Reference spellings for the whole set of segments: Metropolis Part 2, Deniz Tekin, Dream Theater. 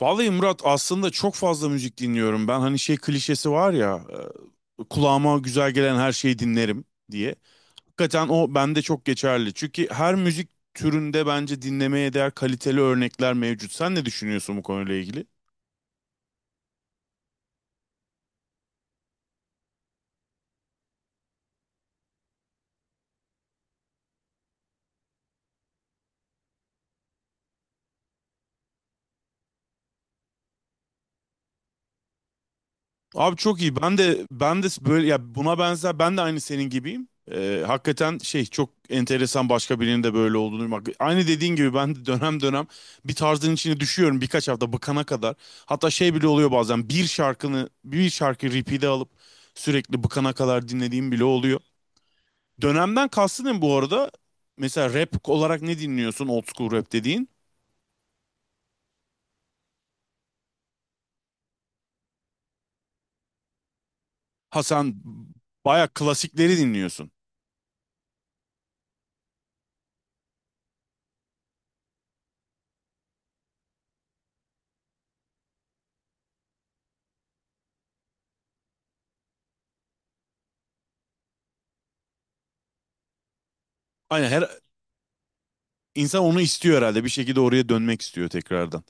Vallahi Murat aslında çok fazla müzik dinliyorum. Ben hani şey klişesi var ya kulağıma güzel gelen her şeyi dinlerim diye. Hakikaten o bende çok geçerli. Çünkü her müzik türünde bence dinlemeye değer kaliteli örnekler mevcut. Sen ne düşünüyorsun bu konuyla ilgili? Abi çok iyi. Ben de böyle ya buna benzer ben de aynı senin gibiyim. Hakikaten şey çok enteresan başka birinin de böyle olduğunu duymak. Aynı dediğin gibi ben de dönem dönem bir tarzın içine düşüyorum birkaç hafta bıkana kadar. Hatta şey bile oluyor bazen bir şarkı repeat'e alıp sürekli bıkana kadar dinlediğim bile oluyor. Dönemden kastın ne bu arada? Mesela rap olarak ne dinliyorsun old school rap dediğin? Ha sen baya klasikleri dinliyorsun. Aynen her, İnsan onu istiyor herhalde. Bir şekilde oraya dönmek istiyor tekrardan.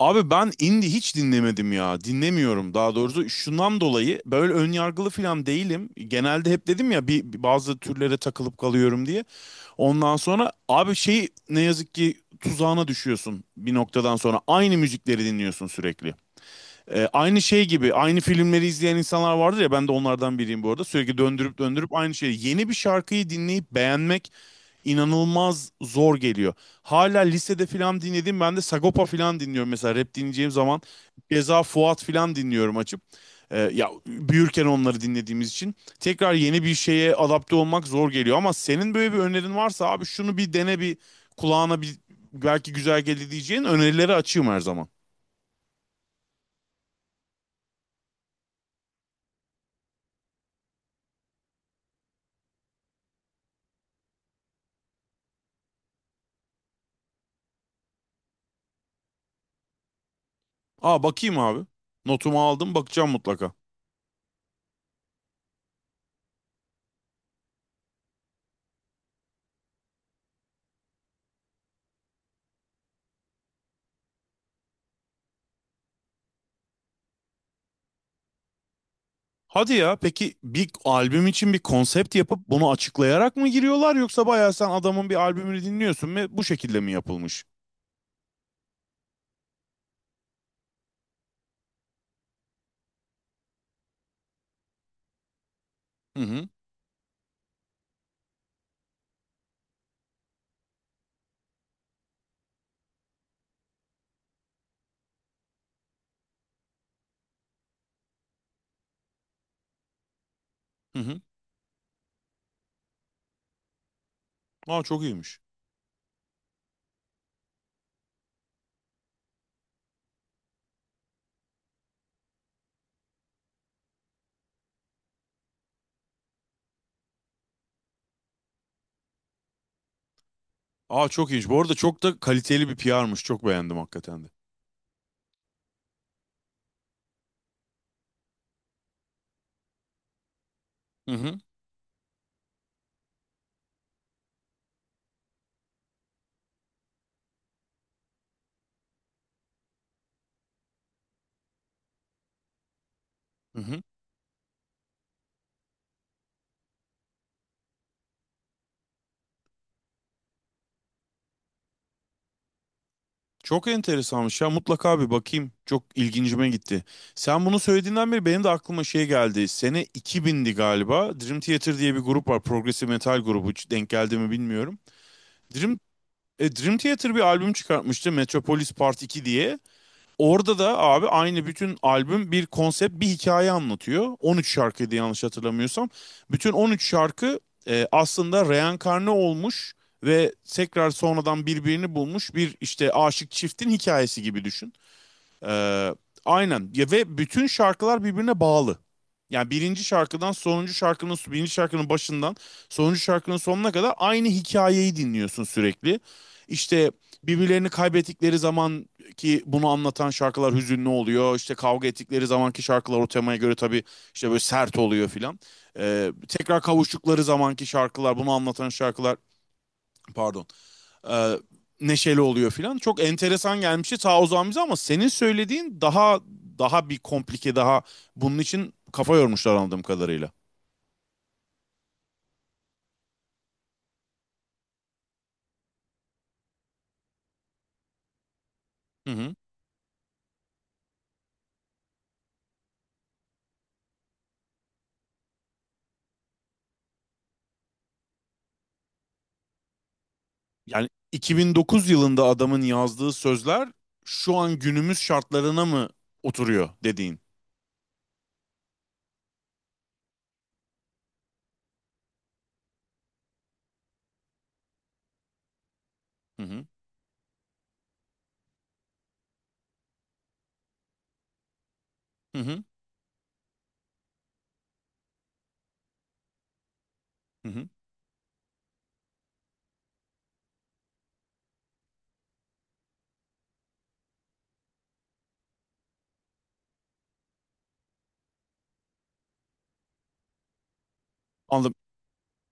Abi ben indie hiç dinlemedim ya. Dinlemiyorum daha doğrusu. Şundan dolayı böyle ön yargılı falan değilim. Genelde hep dedim ya bir bazı türlere takılıp kalıyorum diye. Ondan sonra abi şey ne yazık ki tuzağına düşüyorsun bir noktadan sonra. Aynı müzikleri dinliyorsun sürekli. Aynı şey gibi aynı filmleri izleyen insanlar vardır ya ben de onlardan biriyim bu arada. Sürekli döndürüp döndürüp aynı şeyi. Yeni bir şarkıyı dinleyip beğenmek inanılmaz zor geliyor. Hala lisede filan dinledim ben de Sagopa filan dinliyorum mesela rap dinleyeceğim zaman. Ceza Fuat filan dinliyorum açıp. Ya büyürken onları dinlediğimiz için tekrar yeni bir şeye adapte olmak zor geliyor ama senin böyle bir önerin varsa abi şunu bir dene bir kulağına bir belki güzel gelir diyeceğin önerileri açığım her zaman. Aa bakayım abi. Notumu aldım bakacağım mutlaka. Hadi ya peki bir albüm için bir konsept yapıp bunu açıklayarak mı giriyorlar yoksa bayağı sen adamın bir albümünü dinliyorsun ve bu şekilde mi yapılmış? Hı hı. Hı hı. Aa çok iyiymiş. Aa çok iyiymiş. Bu arada çok da kaliteli bir PR'mış. Çok beğendim hakikaten de. Hı hı. Hı hı. Çok enteresanmış ya mutlaka bir bakayım. Çok ilgincime gitti. Sen bunu söylediğinden beri benim de aklıma şey geldi. Sene 2000'di galiba. Dream Theater diye bir grup var. Progressive metal grubu. Hiç denk geldi mi bilmiyorum. Dream Dream Theater bir albüm çıkartmıştı Metropolis Part 2 diye. Orada da abi aynı bütün albüm bir konsept bir hikaye anlatıyor. 13 şarkıydı yanlış hatırlamıyorsam. Bütün 13 şarkı aslında reenkarne olmuş ve tekrar sonradan birbirini bulmuş bir işte aşık çiftin hikayesi gibi düşün. Ee, aynen. Ya ve bütün şarkılar birbirine bağlı. Yani birinci şarkıdan sonuncu şarkının birinci şarkının başından sonuncu şarkının sonuna kadar aynı hikayeyi dinliyorsun sürekli. İşte birbirlerini kaybettikleri zaman ki bunu anlatan şarkılar hüzünlü oluyor. İşte kavga ettikleri zamanki şarkılar o temaya göre tabii işte böyle sert oluyor filan. Tekrar kavuştukları zamanki şarkılar bunu anlatan şarkılar, pardon, e, neşeli oluyor filan. Çok enteresan gelmişti ta o zaman bize ama senin söylediğin daha bir komplike, daha bunun için kafa yormuşlar anladığım kadarıyla. Hı hı. Yani 2009 yılında adamın yazdığı sözler şu an günümüz şartlarına mı oturuyor dediğin. Hı hı. Hı hı. Hı hı. Anladım.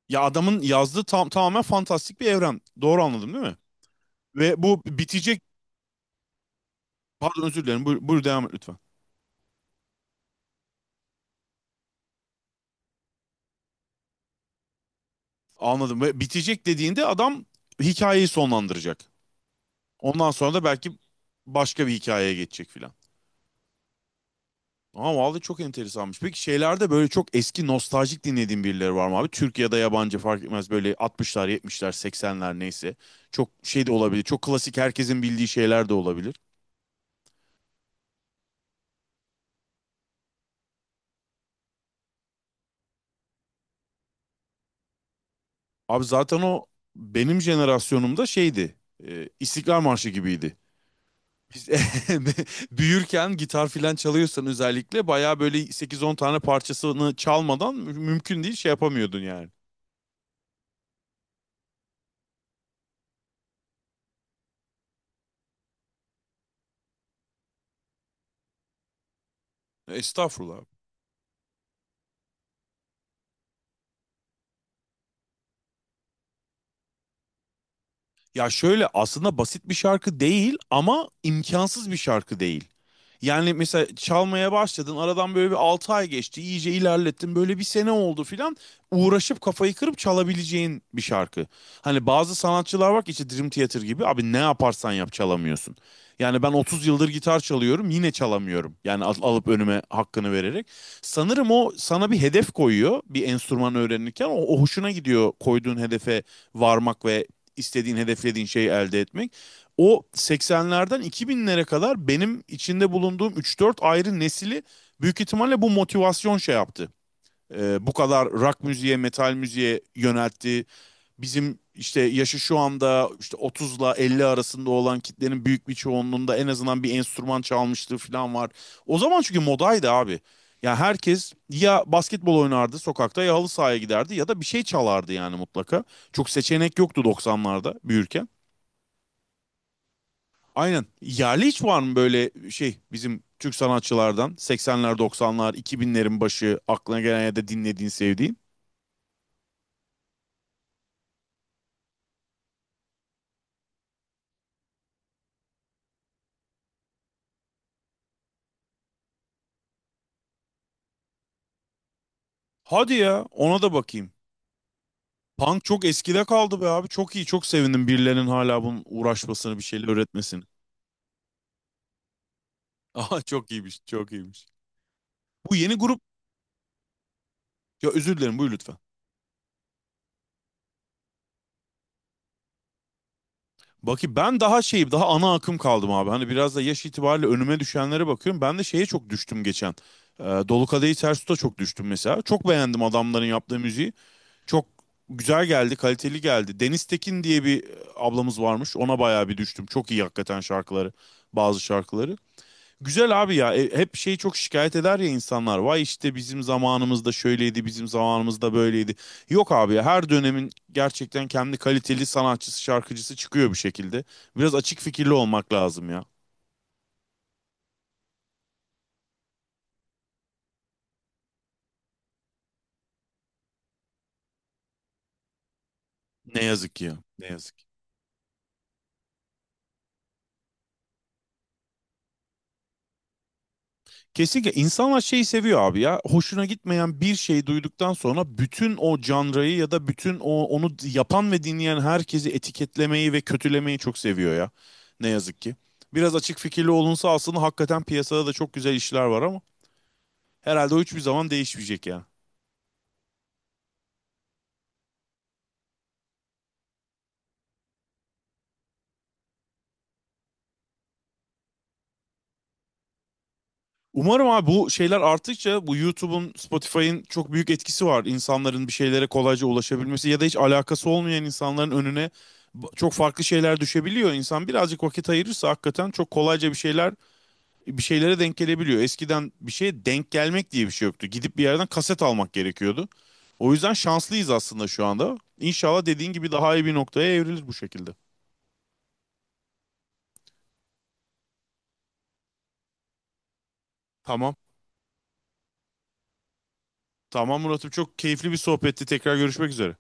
Ya adamın yazdığı tam tamamen fantastik bir evren. Doğru anladım değil mi? Ve bu bitecek, pardon, özür dilerim. Buyur, buyur devam et lütfen. Anladım. Ve bitecek dediğinde adam hikayeyi sonlandıracak. Ondan sonra da belki başka bir hikayeye geçecek filan. Ama vallahi çok enteresanmış. Peki şeylerde böyle çok eski nostaljik dinlediğin birileri var mı abi? Türkiye'de yabancı fark etmez böyle 60'lar, 70'ler, 80'ler neyse. Çok şey de olabilir. Çok klasik herkesin bildiği şeyler de olabilir. Abi zaten o benim jenerasyonumda şeydi. İstiklal Marşı gibiydi. Biz büyürken gitar filan çalıyorsan özellikle bayağı böyle 8-10 tane parçasını çalmadan mümkün değil şey yapamıyordun yani. Estağfurullah. Ya şöyle aslında basit bir şarkı değil ama imkansız bir şarkı değil. Yani mesela çalmaya başladın aradan böyle bir 6 ay geçti iyice ilerlettin böyle bir sene oldu filan uğraşıp kafayı kırıp çalabileceğin bir şarkı. Hani bazı sanatçılar var ki işte Dream Theater gibi abi ne yaparsan yap çalamıyorsun. Yani ben 30 yıldır gitar çalıyorum yine çalamıyorum. Yani alıp önüme hakkını vererek. Sanırım o sana bir hedef koyuyor bir enstrüman öğrenirken o hoşuna gidiyor koyduğun hedefe varmak ve istediğin, hedeflediğin şeyi elde etmek. O 80'lerden 2000'lere kadar benim içinde bulunduğum 3-4 ayrı nesili büyük ihtimalle bu motivasyon şey yaptı. Bu kadar rock müziğe, metal müziğe yöneltti bizim işte yaşı şu anda işte 30'la 50 arasında olan kitlenin büyük bir çoğunluğunda en azından bir enstrüman çalmışlığı falan var. O zaman çünkü modaydı abi. Ya herkes ya basketbol oynardı sokakta ya halı sahaya giderdi ya da bir şey çalardı yani mutlaka. Çok seçenek yoktu 90'larda büyürken. Aynen. Yerli hiç var mı böyle şey bizim Türk sanatçılardan 80'ler 90'lar 2000'lerin başı aklına gelen ya da dinlediğin sevdiğin? Hadi ya ona da bakayım. Punk çok eskide kaldı be abi. Çok iyi. Çok sevindim birilerinin hala bunun uğraşmasını, bir şeyler öğretmesini. Aha çok iyiymiş. Çok iyiymiş. Bu yeni grup ya özür dilerim buyur lütfen. Bakayım ben daha şeyim daha ana akım kaldım abi. Hani biraz da yaş itibariyle önüme düşenlere bakıyorum. Ben de şeye çok düştüm geçen. Dolu Kadehi Ters Tut'a çok düştüm mesela. Çok beğendim adamların yaptığı müziği. Çok güzel geldi, kaliteli geldi. Deniz Tekin diye bir ablamız varmış. Ona bayağı bir düştüm. Çok iyi hakikaten şarkıları, bazı şarkıları. Güzel abi ya. Hep şeyi çok şikayet eder ya insanlar. Vay işte bizim zamanımızda şöyleydi, bizim zamanımızda böyleydi. Yok abi ya her dönemin gerçekten kendi kaliteli sanatçısı, şarkıcısı çıkıyor bir şekilde. Biraz açık fikirli olmak lazım ya. Ne yazık ki ya. Ne yazık. Kesinlikle insanlar şeyi seviyor abi ya. Hoşuna gitmeyen bir şey duyduktan sonra bütün o janrayı ya da bütün o onu yapan ve dinleyen herkesi etiketlemeyi ve kötülemeyi çok seviyor ya. Ne yazık ki. Biraz açık fikirli olunsa aslında hakikaten piyasada da çok güzel işler var ama herhalde o hiçbir zaman değişmeyecek yani. Umarım abi, bu şeyler arttıkça bu YouTube'un, Spotify'ın çok büyük etkisi var. İnsanların bir şeylere kolayca ulaşabilmesi ya da hiç alakası olmayan insanların önüne çok farklı şeyler düşebiliyor. İnsan birazcık vakit ayırırsa hakikaten çok kolayca bir şeylere denk gelebiliyor. Eskiden bir şeye denk gelmek diye bir şey yoktu. Gidip bir yerden kaset almak gerekiyordu. O yüzden şanslıyız aslında şu anda. İnşallah dediğin gibi daha iyi bir noktaya evrilir bu şekilde. Tamam. Tamam Murat'ım çok keyifli bir sohbetti. Tekrar görüşmek üzere.